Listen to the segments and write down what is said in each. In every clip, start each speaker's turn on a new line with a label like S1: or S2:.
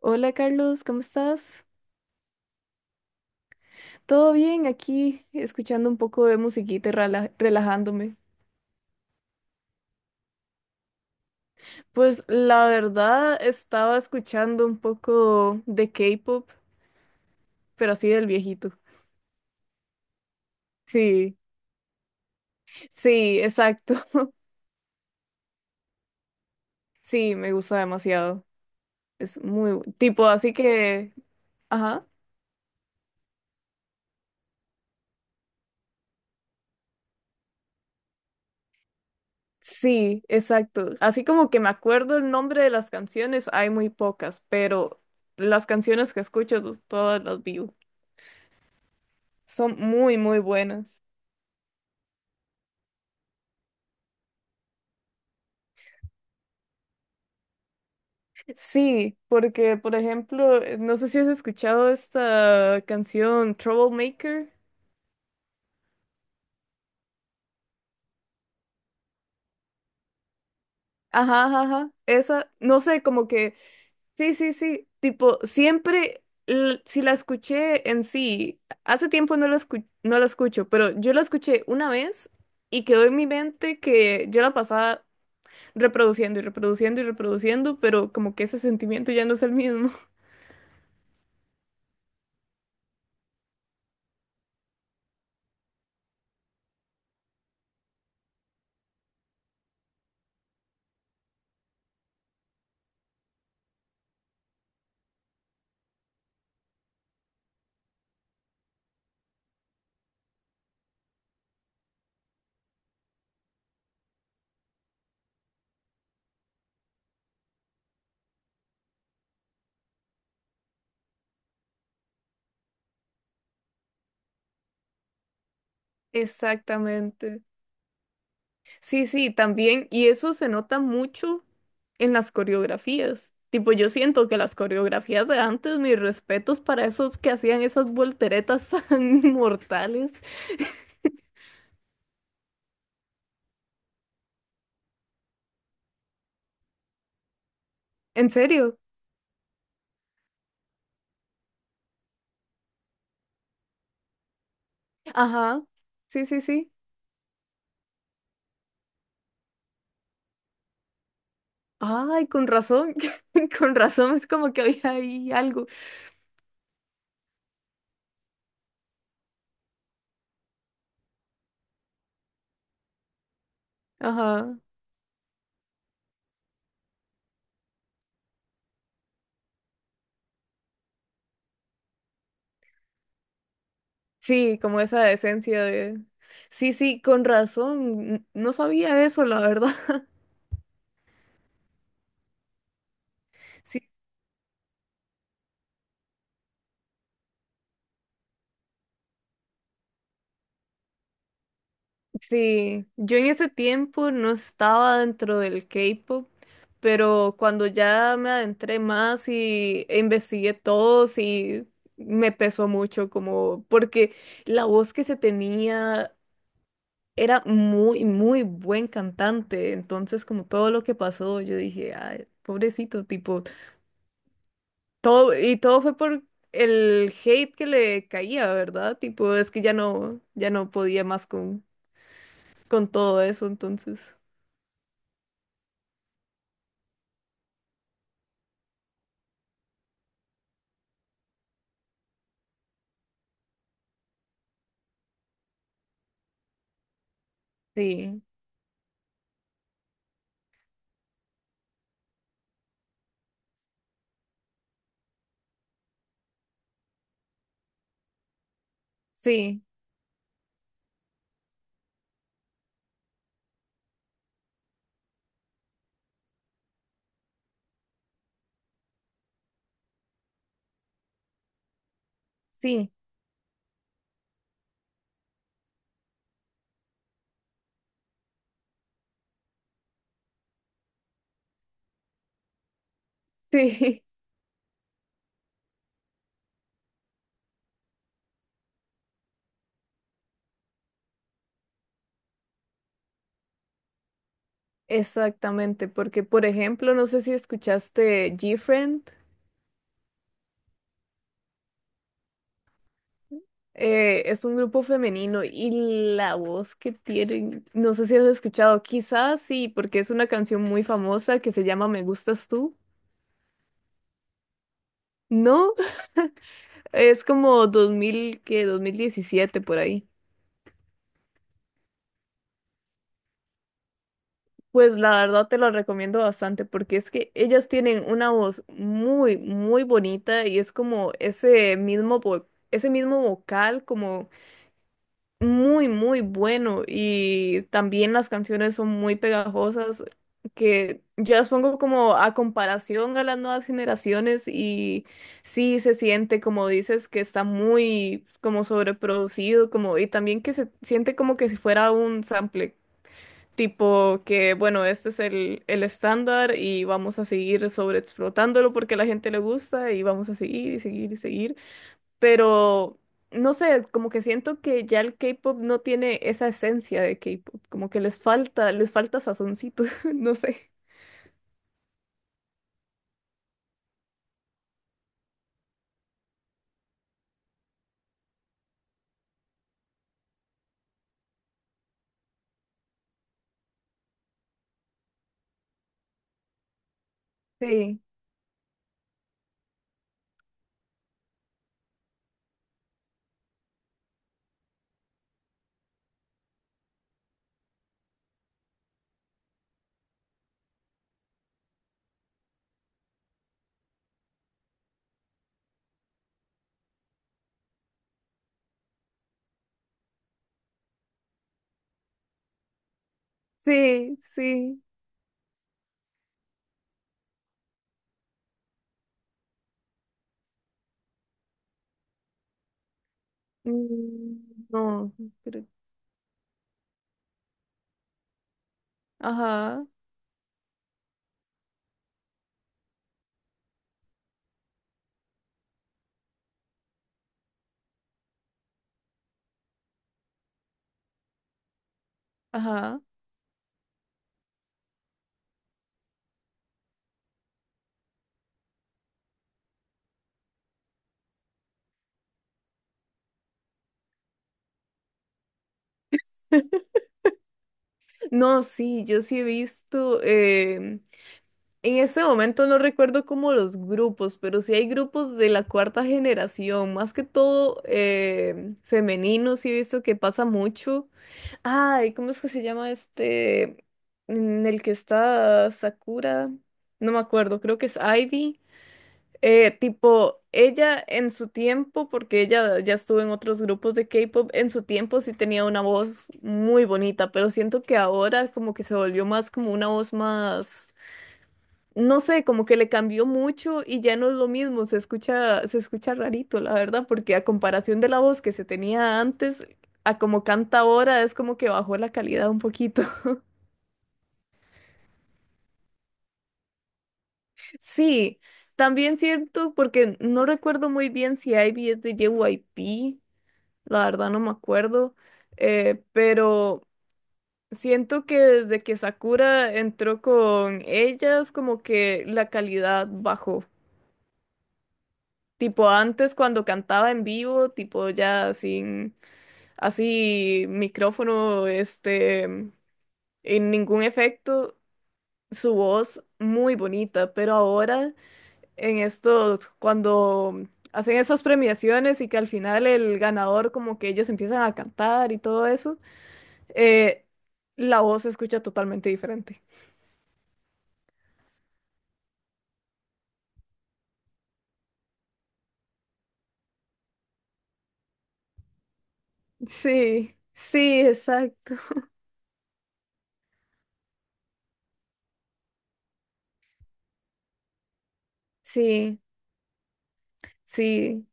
S1: Hola Carlos, ¿cómo estás? Todo bien aquí, escuchando un poco de musiquita y relajándome. Pues la verdad estaba escuchando un poco de K-pop, pero así del viejito. Sí, sí, exacto. Sí, me gusta demasiado. Es tipo, así que, ajá. Sí, exacto. Así como que me acuerdo el nombre de las canciones, hay muy pocas, pero las canciones que escucho todas las vivo. Son muy, muy buenas. Sí, porque por ejemplo, no sé si has escuchado esta canción Troublemaker. Ajá, ajá, ajá. Esa, no sé, como que, sí, sí, sí. Tipo, siempre, si la escuché en sí, hace tiempo no la escucho, pero yo la escuché una vez y quedó en mi mente que yo la pasaba reproduciendo y reproduciendo y reproduciendo, pero como que ese sentimiento ya no es el mismo. Exactamente. Sí, sí, también. Y eso se nota mucho en las coreografías. Tipo, yo siento que las coreografías de antes, mis respetos para esos que hacían esas volteretas tan mortales. ¿En serio? Ajá. Sí, sí, sí. Ay, con razón. Con razón es como que había ahí algo. Ajá. Sí, como esa esencia de... Sí, sí, con razón. No sabía eso, la verdad. Sí, sí, yo en ese tiempo no estaba dentro del K-pop, pero cuando ya me adentré más y investigué todo, sí me pesó mucho, como porque la voz que se tenía era muy, muy buen cantante. Entonces, como todo lo que pasó, yo dije, ay, pobrecito, tipo, todo, y todo fue por el hate que le caía, ¿verdad? Tipo, es que ya no podía más con todo eso, entonces. Sí. Sí, sí, sí, exactamente, porque por ejemplo, no sé si escuchaste G-Friend, es un grupo femenino y la voz que tienen, no sé si has escuchado, quizás sí, porque es una canción muy famosa que se llama Me gustas tú, ¿no? Es como 2017 por ahí. Pues la verdad te lo recomiendo bastante porque es que ellas tienen una voz muy, muy bonita y es como ese mismo, ese mismo vocal como muy, muy bueno y también las canciones son muy pegajosas que yo las pongo como a comparación a las nuevas generaciones y sí se siente, como dices, que está muy como sobreproducido, como y también que se siente como que si fuera un sample. Tipo que, bueno, este es el estándar y vamos a seguir sobreexplotándolo porque a la gente le gusta y vamos a seguir y seguir y seguir, pero no sé, como que siento que ya el K-pop no tiene esa esencia de K-pop, como que les falta sazoncito, no sé. Sí, sí, sí. Mm, no, creo- ajá, ajá. No, sí, yo sí he visto, en ese momento no recuerdo como los grupos, pero sí hay grupos de la cuarta generación, más que todo femeninos, sí he visto que pasa mucho. Ay, ¿cómo es que se llama este en el que está Sakura? No me acuerdo, creo que es Ivy. Tipo, ella en su tiempo, porque ella ya estuvo en otros grupos de K-pop, en su tiempo sí tenía una voz muy bonita, pero siento que ahora como que se volvió más como una voz más, no sé, como que le cambió mucho y ya no es lo mismo, se escucha rarito, la verdad, porque a comparación de la voz que se tenía antes, a como canta ahora, es como que bajó la calidad un poquito. Sí, también cierto, porque no recuerdo muy bien si Ivy es de JYP, la verdad no me acuerdo, pero siento que desde que Sakura entró con ellas, como que la calidad bajó. Tipo antes cuando cantaba en vivo, tipo ya sin así micrófono, este, en ningún efecto, su voz muy bonita, pero ahora en estos, cuando hacen esas premiaciones y que al final el ganador como que ellos empiezan a cantar y todo eso, eh, la voz se escucha totalmente diferente. Sí, sí, exacto. Sí, sí.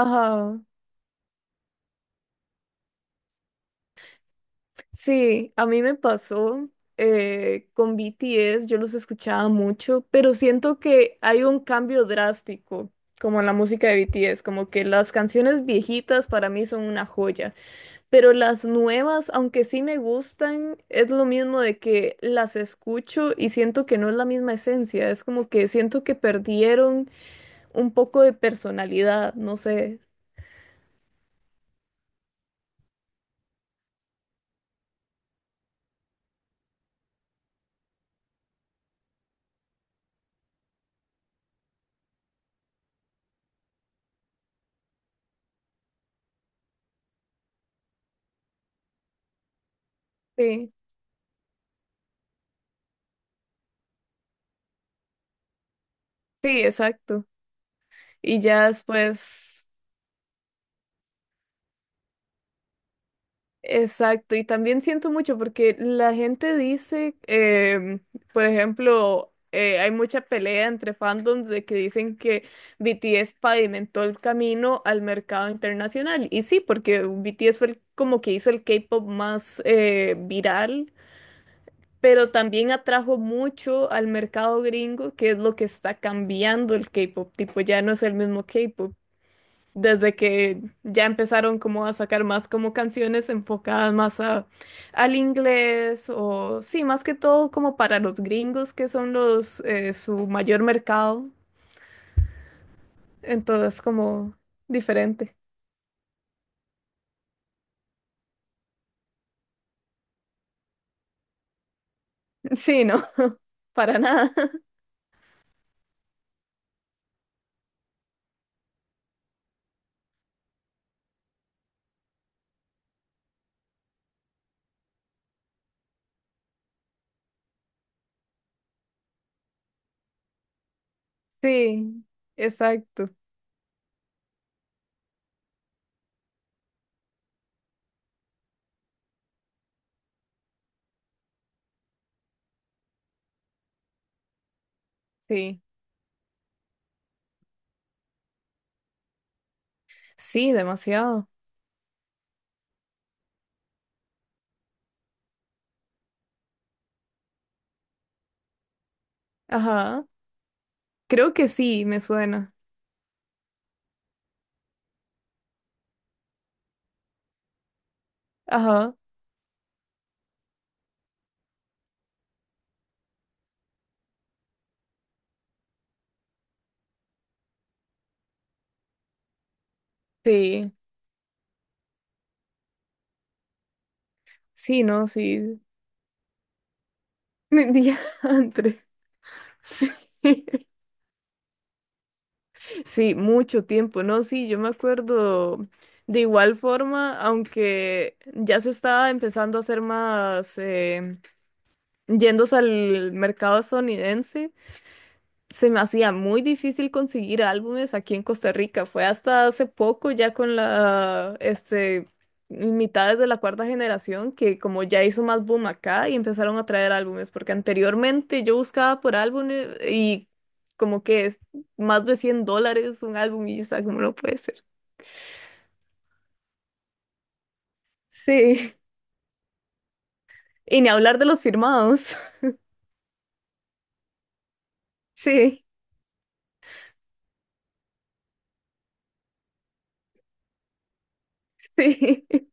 S1: Ajá. Sí, a mí me pasó con BTS, yo los escuchaba mucho, pero siento que hay un cambio drástico, como en la música de BTS, como que las canciones viejitas para mí son una joya, pero las nuevas, aunque sí me gustan, es lo mismo de que las escucho y siento que no es la misma esencia, es como que siento que perdieron un poco de personalidad, no sé. Sí, sí, exacto. Y ya después... Exacto, y también siento mucho porque la gente dice, por ejemplo, hay mucha pelea entre fandoms de que dicen que BTS pavimentó el camino al mercado internacional. Y sí, porque BTS como que hizo el K-pop más, viral, pero también atrajo mucho al mercado gringo, que es lo que está cambiando el K-pop, tipo ya no es el mismo K-pop desde que ya empezaron como a sacar más como canciones enfocadas más a, al inglés o sí, más que todo como para los gringos que son los, su mayor mercado, entonces como diferente. Sí, no, para nada. Sí, exacto, sí. Sí, demasiado. Ajá. Creo que sí, me suena. Ajá. Sí. Sí, no, sí. Diantre. Sí. Sí, mucho tiempo, no, sí, yo me acuerdo de igual forma, aunque ya se estaba empezando a hacer más, yéndose al mercado estadounidense, se me hacía muy difícil conseguir álbumes aquí en Costa Rica. Fue hasta hace poco, ya con la, este, mitades de la cuarta generación, que como ya hizo más boom acá y empezaron a traer álbumes, porque anteriormente yo buscaba por álbumes y como que es más de $100 un álbum y está como no puede ser. Sí, y ni hablar de los firmados. Sí, sí.